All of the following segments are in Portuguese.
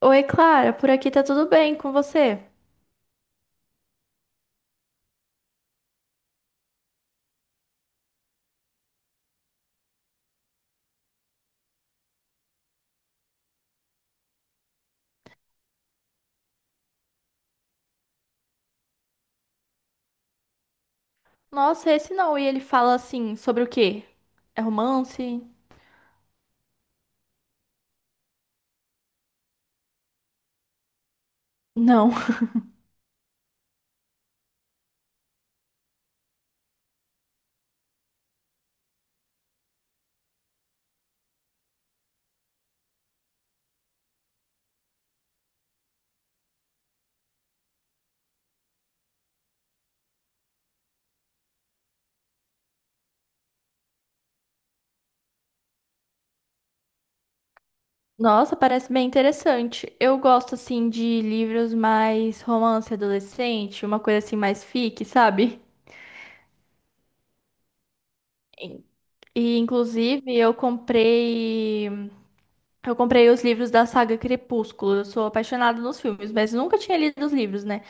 Oi, Clara, por aqui tá tudo bem com você? Nossa, esse não. E ele fala assim, sobre o quê? É romance? Não. Nossa, parece bem interessante. Eu gosto assim de livros mais romance adolescente, uma coisa assim mais fic, sabe? E e, inclusive eu comprei os livros da saga Crepúsculo. Eu sou apaixonada nos filmes, mas nunca tinha lido os livros, né?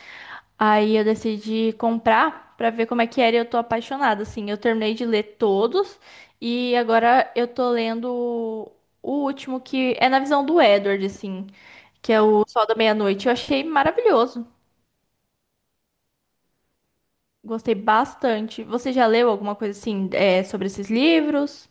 Aí eu decidi comprar pra ver como é que era e eu tô apaixonada, assim. Eu terminei de ler todos e agora eu tô lendo o último que é na visão do Edward, assim, que é o Sol da Meia-Noite. Eu achei maravilhoso. Gostei bastante. Você já leu alguma coisa assim, é, sobre esses livros?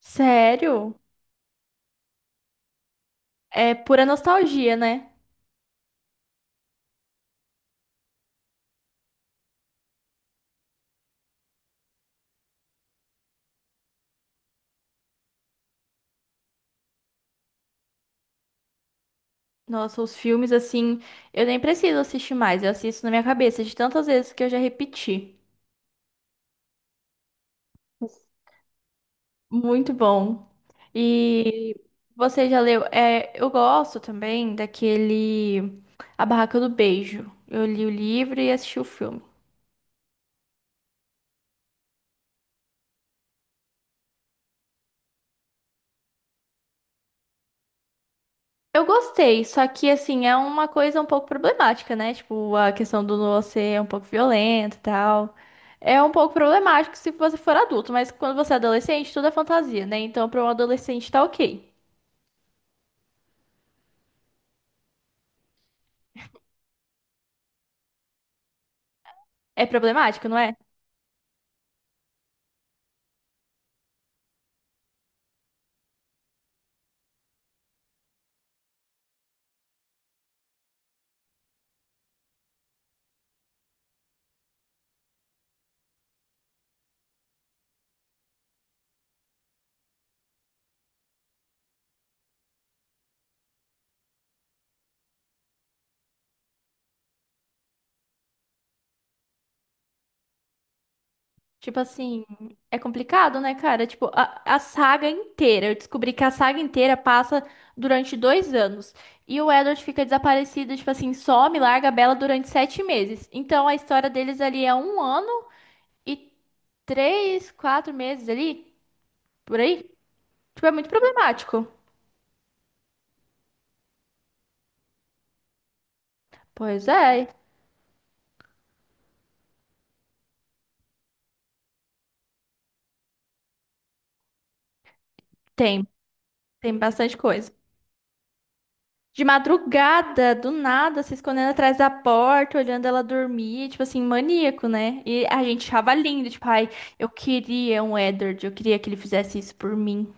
Sério? É pura nostalgia, né? Nossa, os filmes assim, eu nem preciso assistir mais, eu assisto na minha cabeça de tantas vezes que eu já repeti. Muito bom. E você já leu? É, eu gosto também daquele A Barraca do Beijo. Eu li o livro e assisti o filme. Eu gostei, só que assim, é uma coisa um pouco problemática, né? Tipo, a questão do você é um pouco violento e tal. É um pouco problemático se você for adulto, mas quando você é adolescente, tudo é fantasia, né? Então, para um adolescente tá ok. É problemático, não é? Tipo assim, é complicado, né, cara? Tipo, a saga inteira. Eu descobri que a saga inteira passa durante 2 anos. E o Edward fica desaparecido, tipo assim, some, larga a Bella durante 7 meses. Então a história deles ali é um ano e 3, 4 meses ali, por aí. Tipo, é muito problemático. Pois é, tem, tem bastante coisa. De madrugada, do nada, se escondendo atrás da porta, olhando ela dormir, tipo assim, maníaco, né? E a gente achava lindo, tipo, ai, eu queria um Edward, eu queria que ele fizesse isso por mim.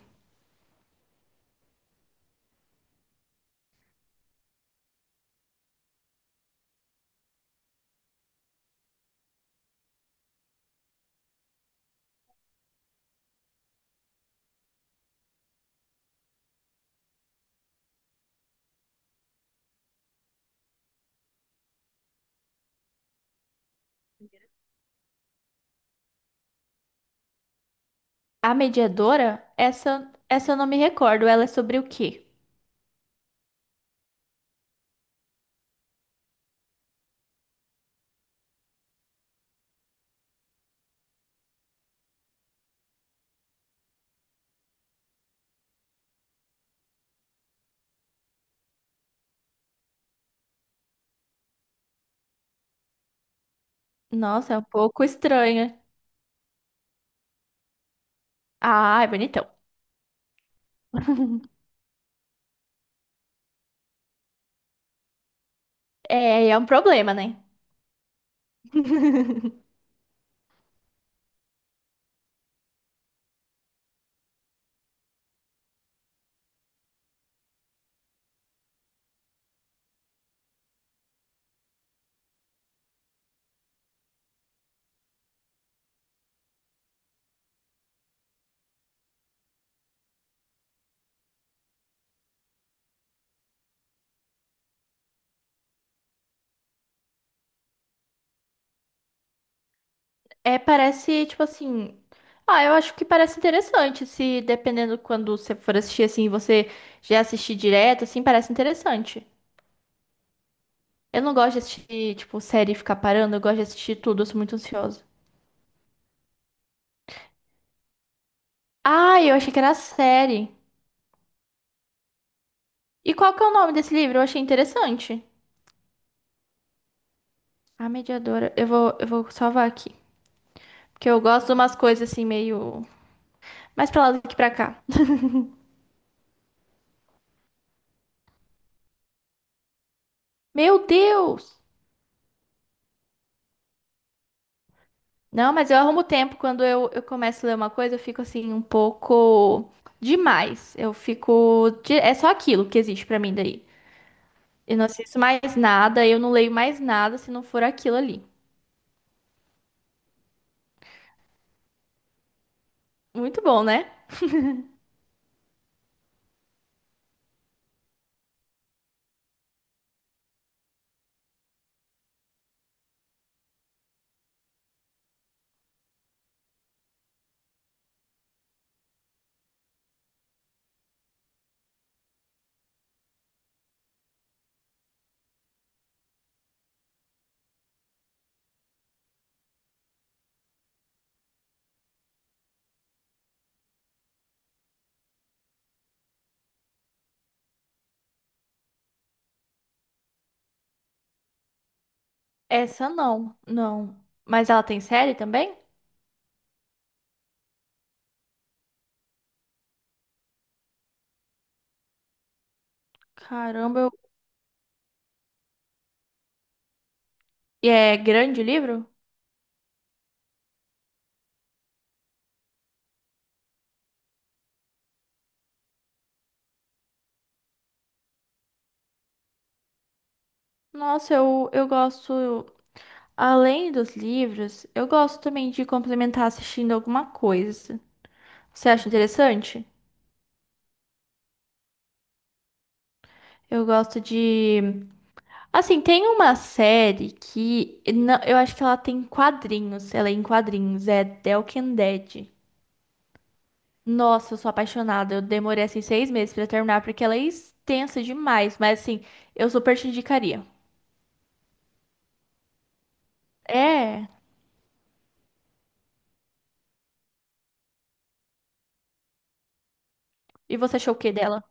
A mediadora, essa eu não me recordo, ela é sobre o quê? Nossa, é um pouco estranha. Ah, é bonitão. É, é um problema, né? É, parece, tipo assim. Ah, eu acho que parece interessante. Se dependendo quando você for assistir assim, você já assistir direto, assim, parece interessante. Eu não gosto de assistir, tipo, série e ficar parando, eu gosto de assistir tudo, eu sou muito ansiosa. Ah, eu achei que era série. E qual que é o nome desse livro? Eu achei interessante. A Mediadora. Eu vou salvar aqui. Porque eu gosto de umas coisas assim, meio. Mais pra lá do que pra cá. Meu Deus! Não, mas eu arrumo tempo. Quando eu começo a ler uma coisa, eu fico assim, um pouco demais. Eu fico. É só aquilo que existe pra mim daí. Eu não assisto mais nada, eu não leio mais nada se não for aquilo ali. Muito bom, né? Essa não, não. Mas ela tem série também? Caramba, eu... E é grande o livro? Nossa, eu gosto. Além dos livros, eu gosto também de complementar assistindo alguma coisa. Você acha interessante? Eu gosto de. Assim, tem uma série que não, eu acho que ela tem quadrinhos, ela é em quadrinhos, é The Walking Dead. Nossa, eu sou apaixonada. Eu demorei assim 6 meses pra terminar porque ela é extensa demais, mas assim, eu super te indicaria. É. E você achou o que dela?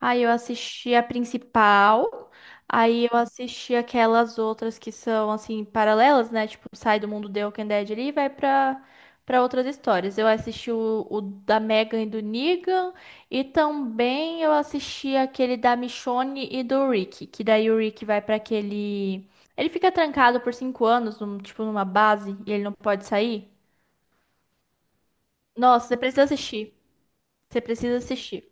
Aí eu assisti a principal, aí eu assisti aquelas outras que são assim paralelas, né? Tipo, sai do mundo The Walking Dead ali e vai pra para outras histórias. Eu assisti o da Megan e do Negan e também eu assisti aquele da Michonne e do Rick, que daí o Rick vai pra aquele ele fica trancado por 5 anos, tipo numa base e ele não pode sair. Nossa, você precisa assistir. Você precisa assistir.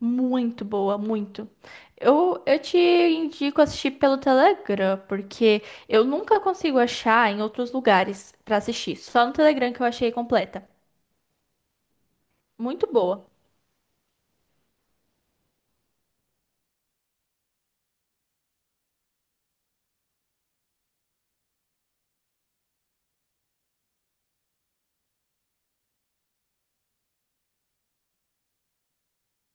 Muito boa, muito. Eu te indico assistir pelo Telegram, porque eu nunca consigo achar em outros lugares pra assistir. Só no Telegram que eu achei completa. Muito boa.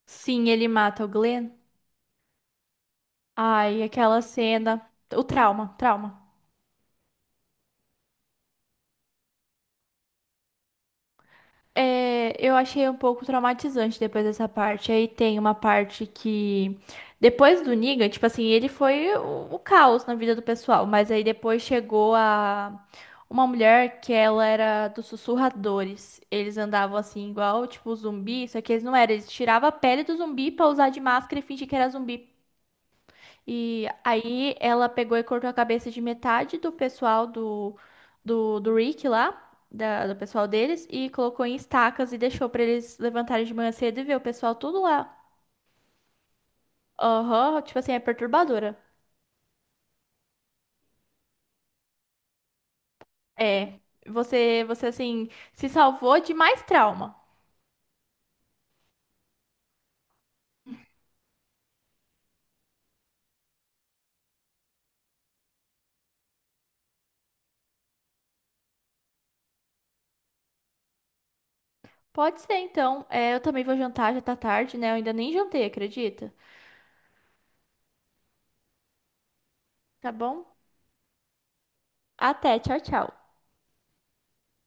Sim, ele mata o Glenn. Ai, aquela cena. O trauma, trauma. É, eu achei um pouco traumatizante depois dessa parte. Aí tem uma parte que. Depois do Negan, tipo assim, ele foi o caos na vida do pessoal. Mas aí depois chegou a uma mulher que ela era dos sussurradores. Eles andavam assim, igual, tipo, zumbi, só que eles não eram. Eles tiravam a pele do zumbi pra usar de máscara e fingir que era zumbi. E aí ela pegou e cortou a cabeça de metade do pessoal do, Rick lá, do pessoal deles, e colocou em estacas e deixou pra eles levantarem de manhã cedo e ver o pessoal tudo lá. Aham, tipo assim, é perturbadora. É, você assim, se salvou de mais trauma. Pode ser, então. É, eu também vou jantar, já tá tarde, né? Eu ainda nem jantei, acredita? Tá bom? Até, tchau, tchau.